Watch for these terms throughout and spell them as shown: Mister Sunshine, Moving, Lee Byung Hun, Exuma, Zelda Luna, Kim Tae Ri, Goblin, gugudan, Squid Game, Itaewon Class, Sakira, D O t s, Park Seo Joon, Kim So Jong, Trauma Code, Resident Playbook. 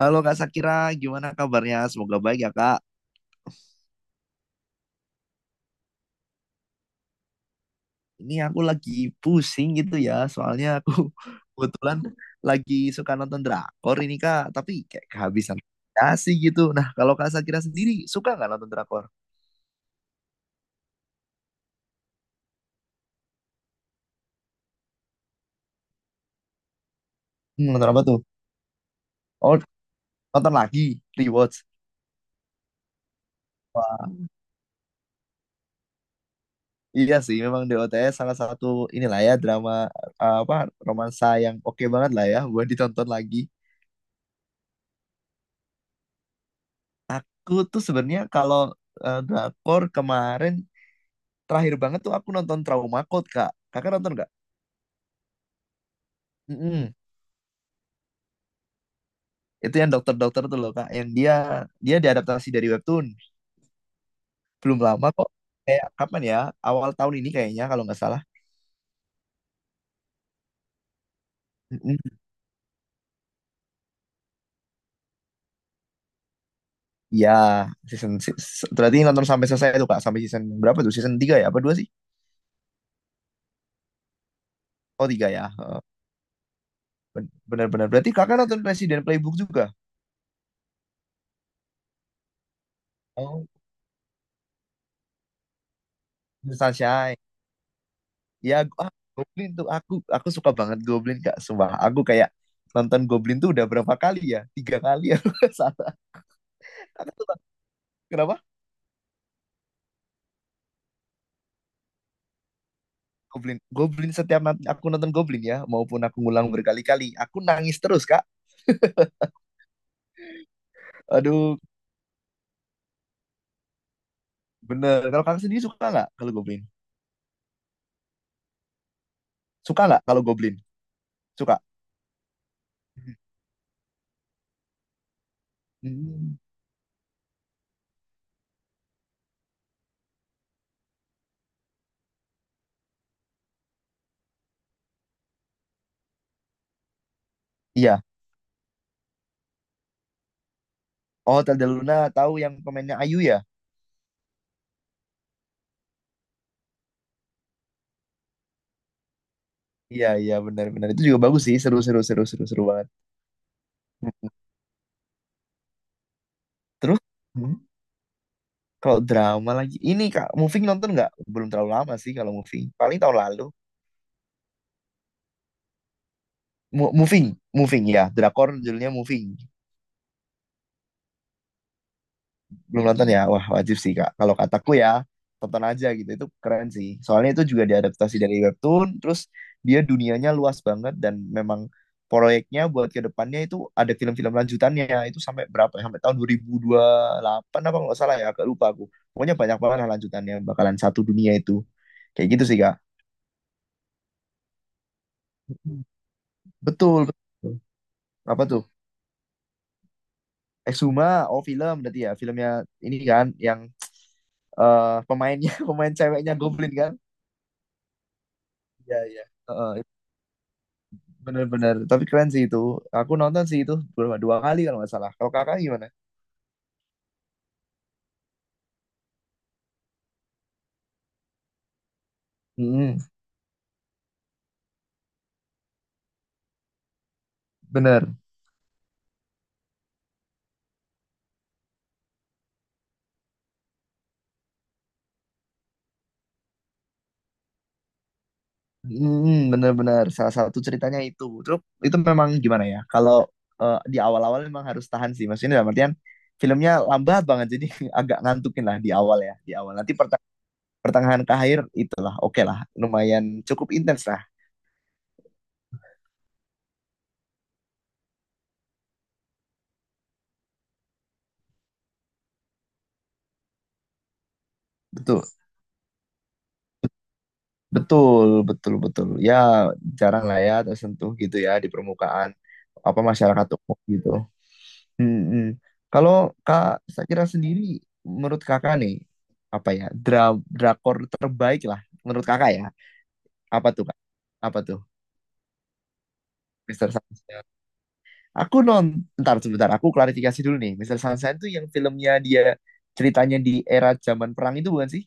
Halo Kak Sakira, gimana kabarnya? Semoga baik ya Kak. Ini aku lagi pusing gitu ya, soalnya aku kebetulan lagi suka nonton drakor ini Kak, tapi kayak kehabisan kasih gitu. Nah, kalau Kak Sakira sendiri suka nggak nonton drakor? Hmm, nonton apa tuh? Oh, nonton lagi, rewatch. Wah, iya sih, memang D O t s salah satu inilah ya drama eh, apa romansa yang oke banget lah ya buat ditonton lagi. Aku tuh sebenarnya kalau drakor kemarin terakhir banget tuh aku nonton Trauma Code, Kak. Kakak nonton nggak? Mm-mm. Itu yang dokter-dokter tuh loh, Kak. Yang dia dia diadaptasi dari webtoon. Belum lama kok. Kayak kapan ya? Awal tahun ini kayaknya kalau nggak salah. Mm-mm. Iya, season, si, berarti nonton sampai selesai itu Kak. Sampai season berapa tuh? Season 3 ya? Apa 2 sih? Oh, 3 ya. Heeh. Benar-benar. Berarti Kakak nonton Resident Playbook juga? Oh, Sunshine. Ya, Goblin tuh aku suka banget Goblin Kak. Sumpah, aku kayak nonton Goblin tuh udah berapa kali ya? 3 kali ya. Salah. Aku tuh kenapa? Goblin. Goblin setiap nanti aku nonton Goblin ya, maupun aku ngulang berkali-kali, aku nangis terus, Kak. Aduh, bener. Kalau kakak sendiri suka nggak kalau Goblin? Suka nggak kalau Goblin? Suka. Hmm, iya. Oh, Zelda Luna tahu yang pemainnya Ayu ya? Iya, iya benar-benar. Itu juga bagus sih, seru-seru seru-seru seru banget. Hmm. Terus hmm, kalau drama lagi, ini Kak, Moving nonton nggak? Belum terlalu lama sih kalau Moving. Paling tahun lalu. Mo- moving, Moving ya. Drakor judulnya Moving. Belum nonton ya? Wah, wajib sih, Kak. Kalau kataku ya, tonton aja gitu. Itu keren sih. Soalnya itu juga diadaptasi dari webtoon, terus dia dunianya luas banget dan memang proyeknya buat ke depannya itu ada film-film lanjutannya. Itu sampai berapa ya? Sampai tahun dua dua ribu dua puluh delapan apa nggak salah ya? Agak lupa aku. Pokoknya banyak banget lah lanjutannya bakalan satu dunia itu. Kayak gitu sih, Kak. Betul, betul. Apa tuh? Exuma, oh film berarti ya. Filmnya ini kan yang pemainnya pemain ceweknya Goblin kan? Iya, iya. Heeh, bener-bener. Tapi keren sih itu. Aku nonton sih itu berapa 2 kali kalau nggak salah. Kalau kakak gimana? Hmm, bener. Hmm, bener-bener. Salah satu ceritanya itu. Terus itu memang gimana ya? Kalau di awal-awal memang harus tahan sih. Maksudnya dalam artian filmnya lambat banget. Jadi agak ngantukin lah di awal ya. Di awal. Nanti pertengahan ke akhir itulah. Oke lah. Lumayan cukup intens lah. Betul. Betul. Betul. Betul. Ya jarang lah ya tersentuh gitu ya di permukaan apa masyarakat umum gitu. Mm-mm. Kalau Kak Sakira sendiri, menurut Kakak nih, apa ya, drakor terbaik lah, menurut Kakak ya, apa tuh Kak? Apa tuh, Mister Sunshine? Aku non, ntar sebentar, aku klarifikasi dulu nih, Mister Sunshine tuh yang filmnya dia, ceritanya di era zaman perang itu bukan sih?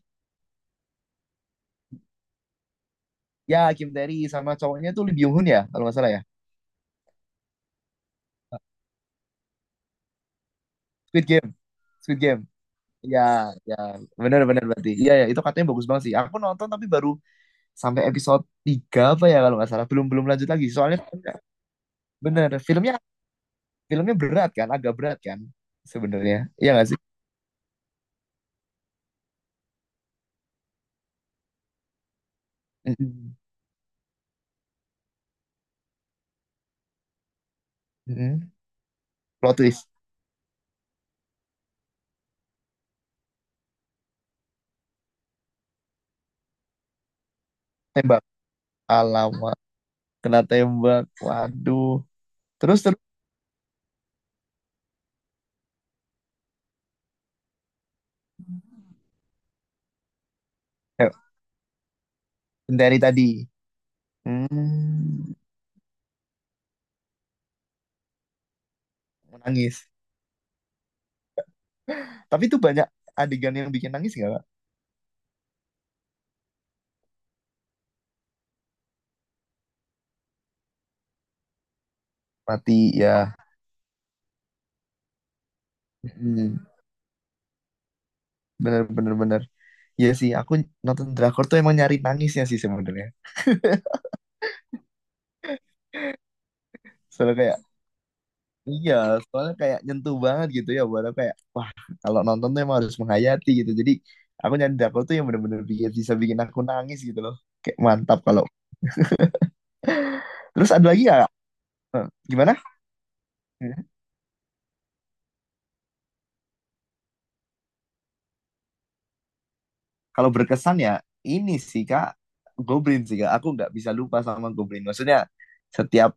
Ya, Kim Tae Ri sama cowoknya tuh Lee Byung Hun ya, kalau nggak salah ya. Squid Game, Squid Game. Ya, ya, benar-benar berarti. Iya, ya, itu katanya bagus banget sih. Aku nonton tapi baru sampai episode 3 apa ya kalau nggak salah, belum belum lanjut lagi soalnya filmnya- bener, filmnya filmnya berat kan, agak berat kan sebenarnya, iya nggak sih? Mm-mm. Mm-mm. Plot twist, tembak, alamat kena tembak, waduh, terus terus ayo, sendiri tadi, hmm, menangis, tapi itu banyak adegan yang bikin nangis nggak Kak? Mati ya. Mm-mm. Bener bener bener, ya sih aku nonton drakor tuh emang nyari nangisnya sih sebenarnya, soalnya kayak iya, soalnya kayak nyentuh banget gitu ya buat aku kayak wah, kalau nonton tuh emang harus menghayati gitu. Jadi aku nyari drakor tuh yang bener-bener bisa bikin aku nangis gitu loh. Kayak mantap kalau. Terus ada lagi ya? Gimana? Kalau berkesan ya ini sih Kak, Goblin sih Kak. Aku nggak bisa lupa sama Goblin. Maksudnya setiap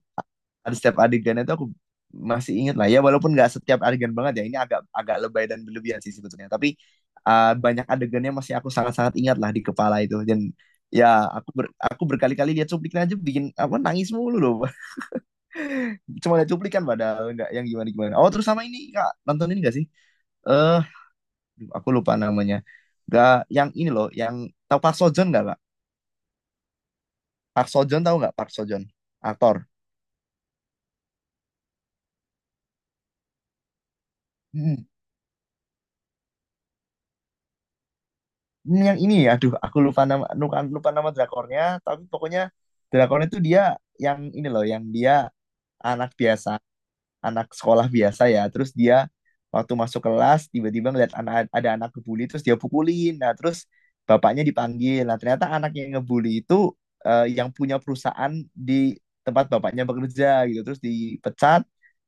ada setiap adegan itu aku masih ingat lah ya walaupun nggak setiap adegan banget ya, ini agak agak lebay dan berlebihan sih sebetulnya, tapi banyak adegannya masih aku sangat-sangat ingat lah di kepala itu, dan ya aku berkali-kali lihat cuplikan aja bikin apa nangis mulu loh. Cuma lihat cuplikan padahal nggak yang gimana gimana. Oh terus sama ini kak, nonton ini nggak sih, eh aduh, aku lupa namanya, nggak yang ini loh yang, tahu Park Seo Joon nggak kak? Park Seo Joon, tahu nggak Park Seo Joon, aktor. Hmm. Ini yang ini, aduh aku lupa nama, lupa nama drakornya, tapi pokoknya drakornya itu dia yang ini loh yang dia anak biasa, anak sekolah biasa ya. Terus dia waktu masuk kelas tiba-tiba ngeliat anak, ada anak ngebully terus dia pukulin. Nah, terus bapaknya dipanggil. Nah, ternyata anak yang ngebully itu yang punya perusahaan di tempat bapaknya bekerja gitu. Terus dipecat,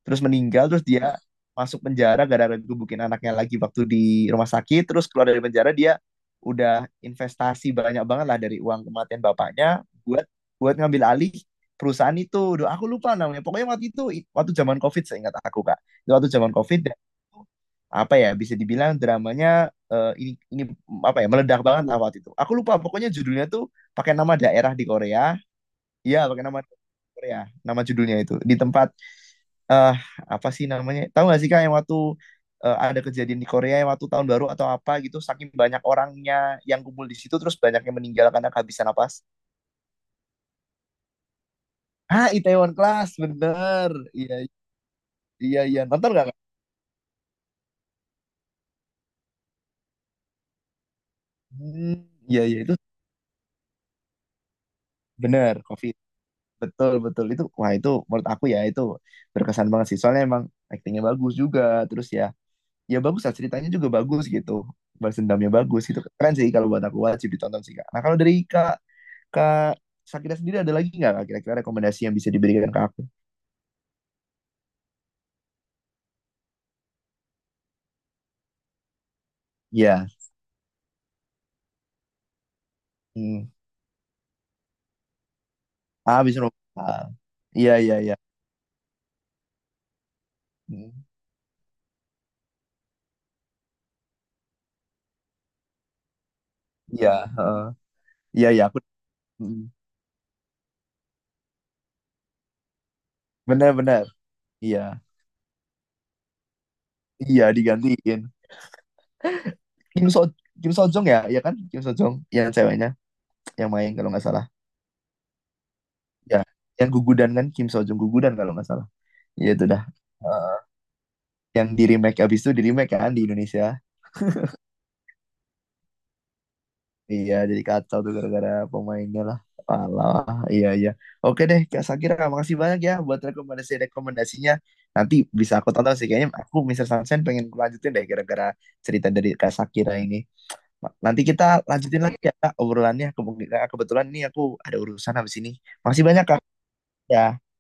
terus meninggal, terus dia masuk penjara gara-gara gebukin anaknya lagi waktu di rumah sakit. Terus keluar dari penjara dia udah investasi banyak banget lah dari uang kematian bapaknya buat buat ngambil alih perusahaan itu. Duh, aku lupa namanya. Pokoknya waktu itu waktu zaman COVID seingat aku Kak. Itu waktu zaman COVID dan itu, apa ya, bisa dibilang dramanya ini apa ya, meledak banget lah waktu itu. Aku lupa pokoknya judulnya tuh pakai nama daerah di Korea. Iya, pakai nama Korea. Nama judulnya itu di tempat eh apa sih namanya? Tahu nggak sih Kak yang waktu ada kejadian di Korea yang waktu tahun baru atau apa gitu, saking banyak orangnya yang kumpul di situ terus banyak yang meninggal karena kehabisan napas. Ah, Itaewon Class, bener. Iya, iya iya, nonton nggak Kak? Hmm, iya iya itu, benar COVID, betul betul itu, wah itu menurut aku ya, itu berkesan banget sih soalnya emang aktingnya bagus juga, terus ya ya bagus lah, ceritanya juga bagus gitu, balas dendamnya bagus gitu, keren sih kalau buat aku, wajib ditonton sih kak. Nah kalau dari kak kak Sakira sendiri ada lagi nggak Kak, kira-kira rekomendasi yang bisa diberikan ke aku? Iya. Hmm. Ah habis. Ah. Iya iya iya. Hmm. Iya. Heeh. Iya iya aku. Hmm. Benar benar. Iya. Iya digantiin. Kim So Kim So Jong ya, ya kan? Kim So Jong yang ceweknya yang main kalau nggak salah. Ya, yang gugudan kan, Kim So Jong gugudan kalau nggak salah. Iya itu dah. Eh, yang di remake, abis itu di remake kan di Indonesia. Iya, jadi kacau tuh gara-gara pemainnya lah. Alah, iya iya. Oke deh, Kak Sakira, makasih banyak ya buat rekomendasi-rekomendasinya. Nanti bisa aku tonton sih kayaknya, aku Mister Sunshine pengen lanjutin deh gara-gara cerita dari Kak Sakira ini. Nanti kita lanjutin lagi ya Kak, obrolannya. Kebetulan kebetulan ini aku ada urusan habis ini. Makasih banyak Kak. Ya.